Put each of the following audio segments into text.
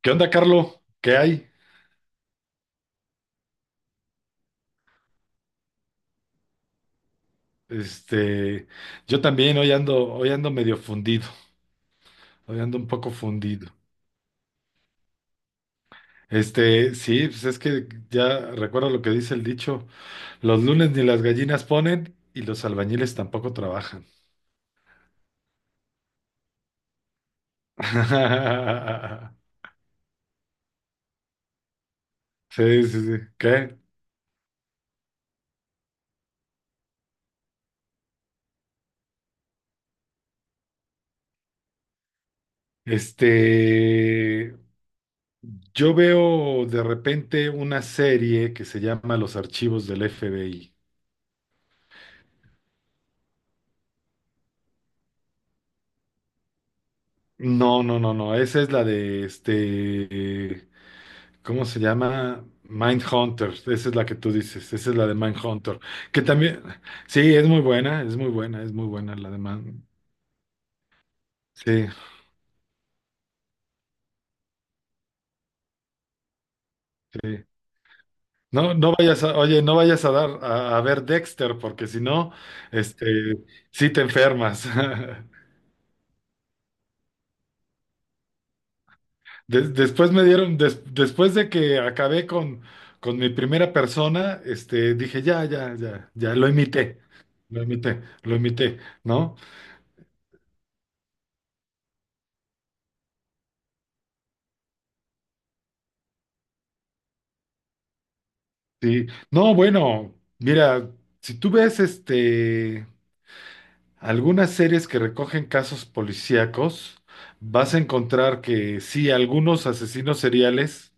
¿Qué onda, Carlo? ¿Qué hay? Este, yo también hoy ando medio fundido, hoy ando un poco fundido. Sí, pues es que ya recuerdo lo que dice el dicho, los lunes ni las gallinas ponen y los albañiles tampoco trabajan. Sí, sí, sí. ¿Qué? Este, yo veo de repente una serie que se llama Los Archivos del FBI. No, no, no, no, esa es la de ¿Cómo se llama? Mindhunter, esa es la que tú dices, esa es la de Mindhunter, que también, sí, es muy buena, es muy buena, es muy buena la de Mind, sí, sí. No, no vayas a, oye, no vayas a dar a ver Dexter, porque si no, este, sí te enfermas. Después me dieron, después de que acabé con mi primera persona, dije, ya, lo imité, lo imité, ¿no? Sí. No, bueno, mira, si tú ves algunas series que recogen casos policíacos, vas a encontrar que sí, algunos asesinos seriales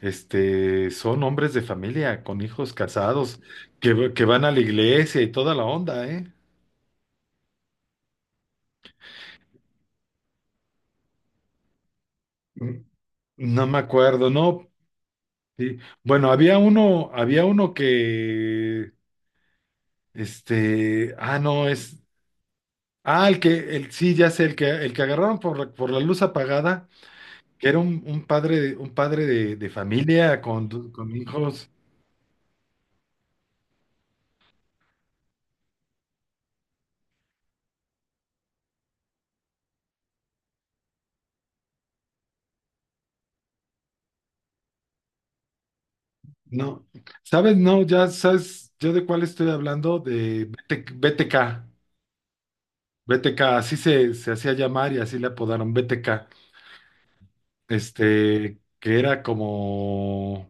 son hombres de familia, con hijos casados, que van a la iglesia y toda la onda, ¿eh? Mm, no me acuerdo, no. Sí. Bueno, había uno que, este, ah, no, es. Ah, sí, ya sé, el que agarraron por, por la luz apagada, que era un padre de familia con, con hijos. No, ¿sabes? No, ya sabes, yo de cuál estoy hablando, de BT BTK, BTK, así se hacía llamar y así le apodaron BTK. Que era como,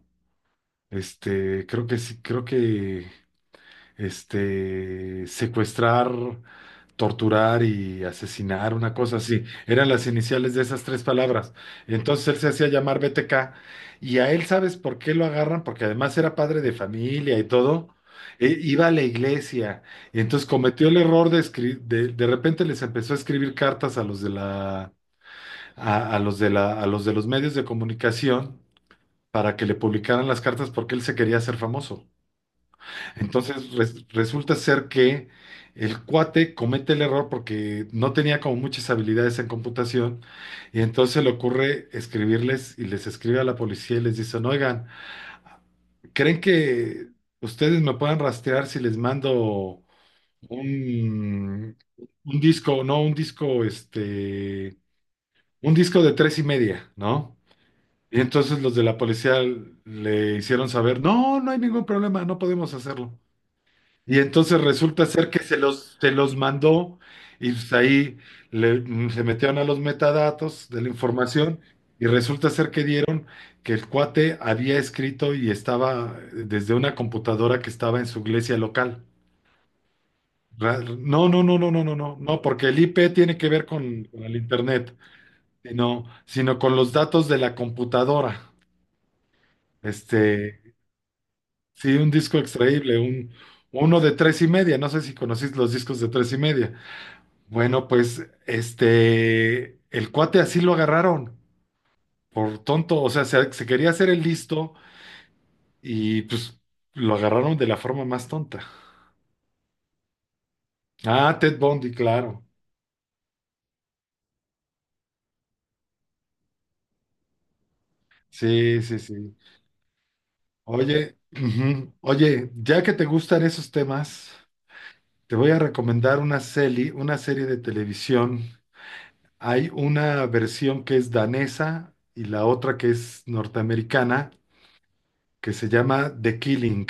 creo que sí, secuestrar, torturar y asesinar, una cosa así. Eran las iniciales de esas tres palabras. Entonces él se hacía llamar BTK y a él, ¿sabes por qué lo agarran? Porque además era padre de familia y todo. Iba a la iglesia y entonces cometió el error de escribir, de repente les empezó a escribir cartas a los de la, a los de la, a los de los medios de comunicación para que le publicaran las cartas porque él se quería hacer famoso. Entonces resulta ser que el cuate comete el error porque no tenía como muchas habilidades en computación y entonces le ocurre escribirles y les escribe a la policía y les dicen, oigan, ¿creen que ustedes me puedan rastrear si les mando un, un disco, no, un disco, un disco de tres y media, ¿no? Y entonces los de la policía le hicieron saber, no, no hay ningún problema, no podemos hacerlo. Y entonces resulta ser que se los mandó y pues ahí se metieron a los metadatos de la información y resulta ser que dieron que el cuate había escrito y estaba desde una computadora que estaba en su iglesia local. No, no, no, no, no, no, no, no, porque el IP tiene que ver con el internet, sino con los datos de la computadora. Este, sí, un disco extraíble, un, uno de tres y media, no sé si conocéis los discos de tres y media. Bueno, pues el cuate así lo agarraron por tonto, o sea, se quería hacer el listo y pues lo agarraron de la forma más tonta. Ah, Ted Bundy, claro. Sí, sí, sí. Oye, ujú. Oye, ya que te gustan esos temas, te voy a recomendar una serie de televisión. Hay una versión que es danesa y la otra que es norteamericana, que se llama The Killing,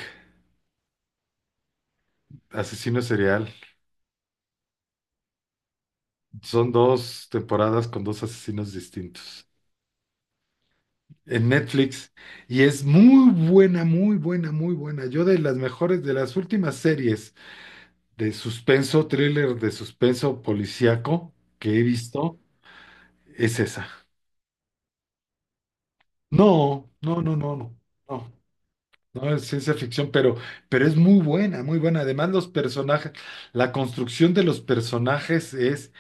asesino serial. Son dos temporadas con dos asesinos distintos en Netflix y es muy buena, muy buena, muy buena. Yo de las mejores, de las últimas series de suspenso, thriller de suspenso policíaco que he visto, es esa. No, no, no, no, no, no, no es ciencia ficción, pero es muy buena, muy buena. Además, los personajes, la construcción de los personajes es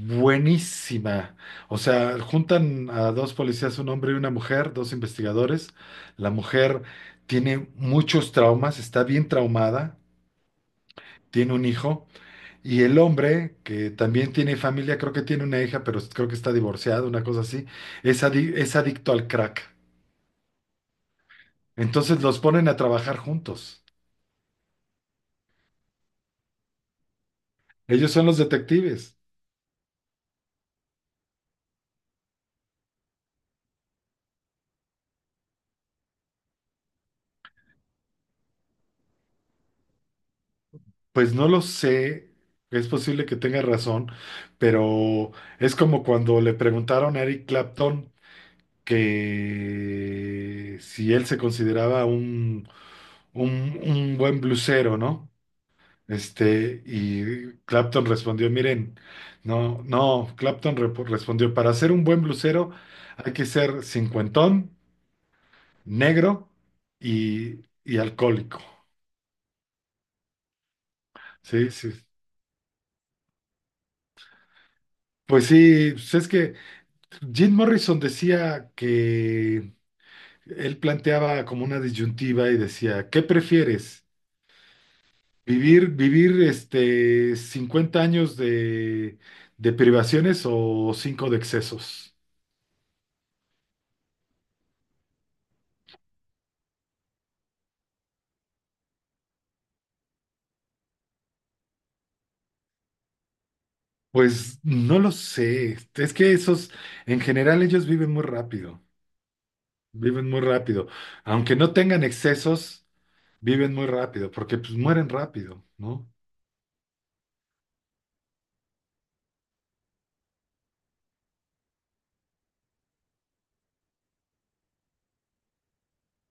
buenísima. O sea, juntan a dos policías, un hombre y una mujer, dos investigadores. La mujer tiene muchos traumas, está bien traumada, tiene un hijo. Y el hombre, que también tiene familia, creo que tiene una hija, pero creo que está divorciado, una cosa así, es, es adicto al crack. Entonces los ponen a trabajar juntos. Ellos son los detectives. Pues no lo sé, es posible que tenga razón, pero es como cuando le preguntaron a Eric Clapton, que si él se consideraba un, un buen blusero, ¿no? Y Clapton respondió, miren, no, no, Clapton respondió, para ser un buen blusero hay que ser cincuentón, negro y alcohólico. Sí, sí. Pues sí, pues es que Jim Morrison decía que él planteaba como una disyuntiva y decía, ¿qué prefieres? Vivir 50 años de privaciones o 5 de excesos. Pues no lo sé. Es que esos, en general, ellos viven muy rápido. Viven muy rápido. Aunque no tengan excesos, viven muy rápido, porque pues mueren rápido, ¿no?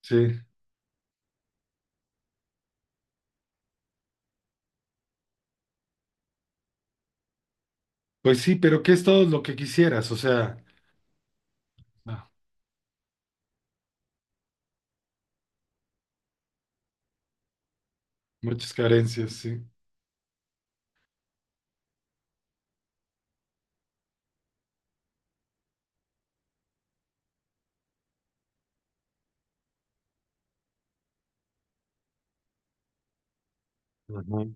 Sí. Pues sí, pero ¿qué es todo lo que quisieras? O sea, ah, muchas carencias, sí. Ujú.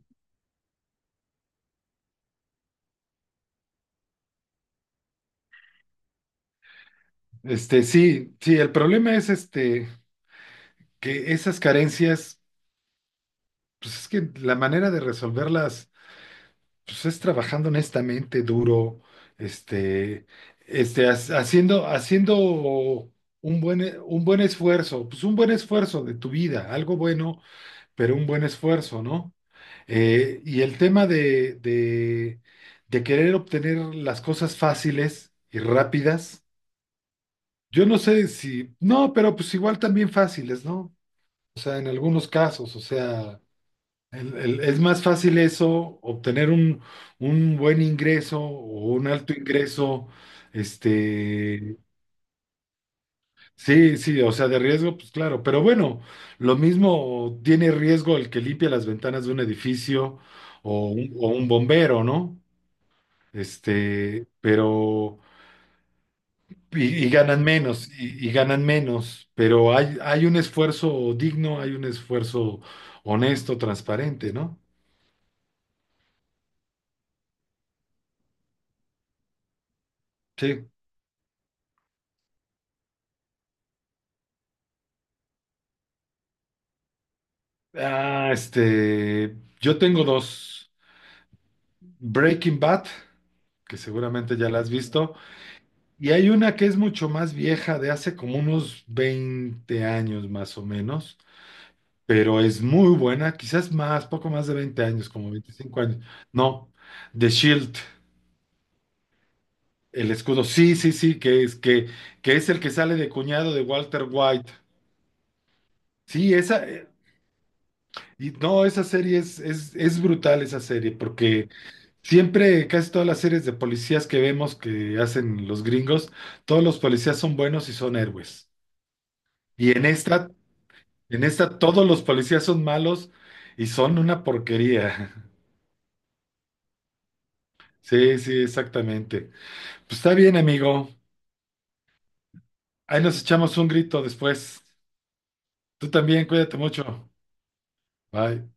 Sí, sí, el problema es este, que esas carencias, pues es que la manera de resolverlas, pues es trabajando honestamente, duro, este, este, ha- haciendo, haciendo un buen, un buen esfuerzo, pues un buen esfuerzo de tu vida, algo bueno, pero un buen esfuerzo, ¿no? Y el tema de, de querer obtener las cosas fáciles y rápidas, yo no sé si, no, pero pues igual también fáciles, ¿no? O sea, en algunos casos, o sea. Es más fácil eso, obtener un buen ingreso o un alto ingreso, este, sí, sí, o sea, de riesgo, pues claro, pero bueno, lo mismo tiene riesgo el que limpia las ventanas de un edificio o un bombero, ¿no? Este, pero, y ganan menos, y ganan menos, pero hay un esfuerzo digno, hay un esfuerzo honesto, transparente, ¿no? Sí. Ah, yo tengo dos. Breaking Bad, que seguramente ya la has visto, y hay una que es mucho más vieja, de hace como unos 20 años más o menos, pero es muy buena, quizás más, poco más de 20 años, como 25 años. No, The Shield, el escudo, sí, sí, sí, que es el que sale de cuñado de Walter White. Sí, esa, y no, esa serie es brutal, esa serie, porque... Siempre, casi todas las series de policías que vemos que hacen los gringos, todos los policías son buenos y son héroes. Y en esta todos los policías son malos y son una porquería. Sí, sí, exactamente. Pues está bien, amigo. Ahí nos echamos un grito después. Tú también, cuídate mucho. Bye.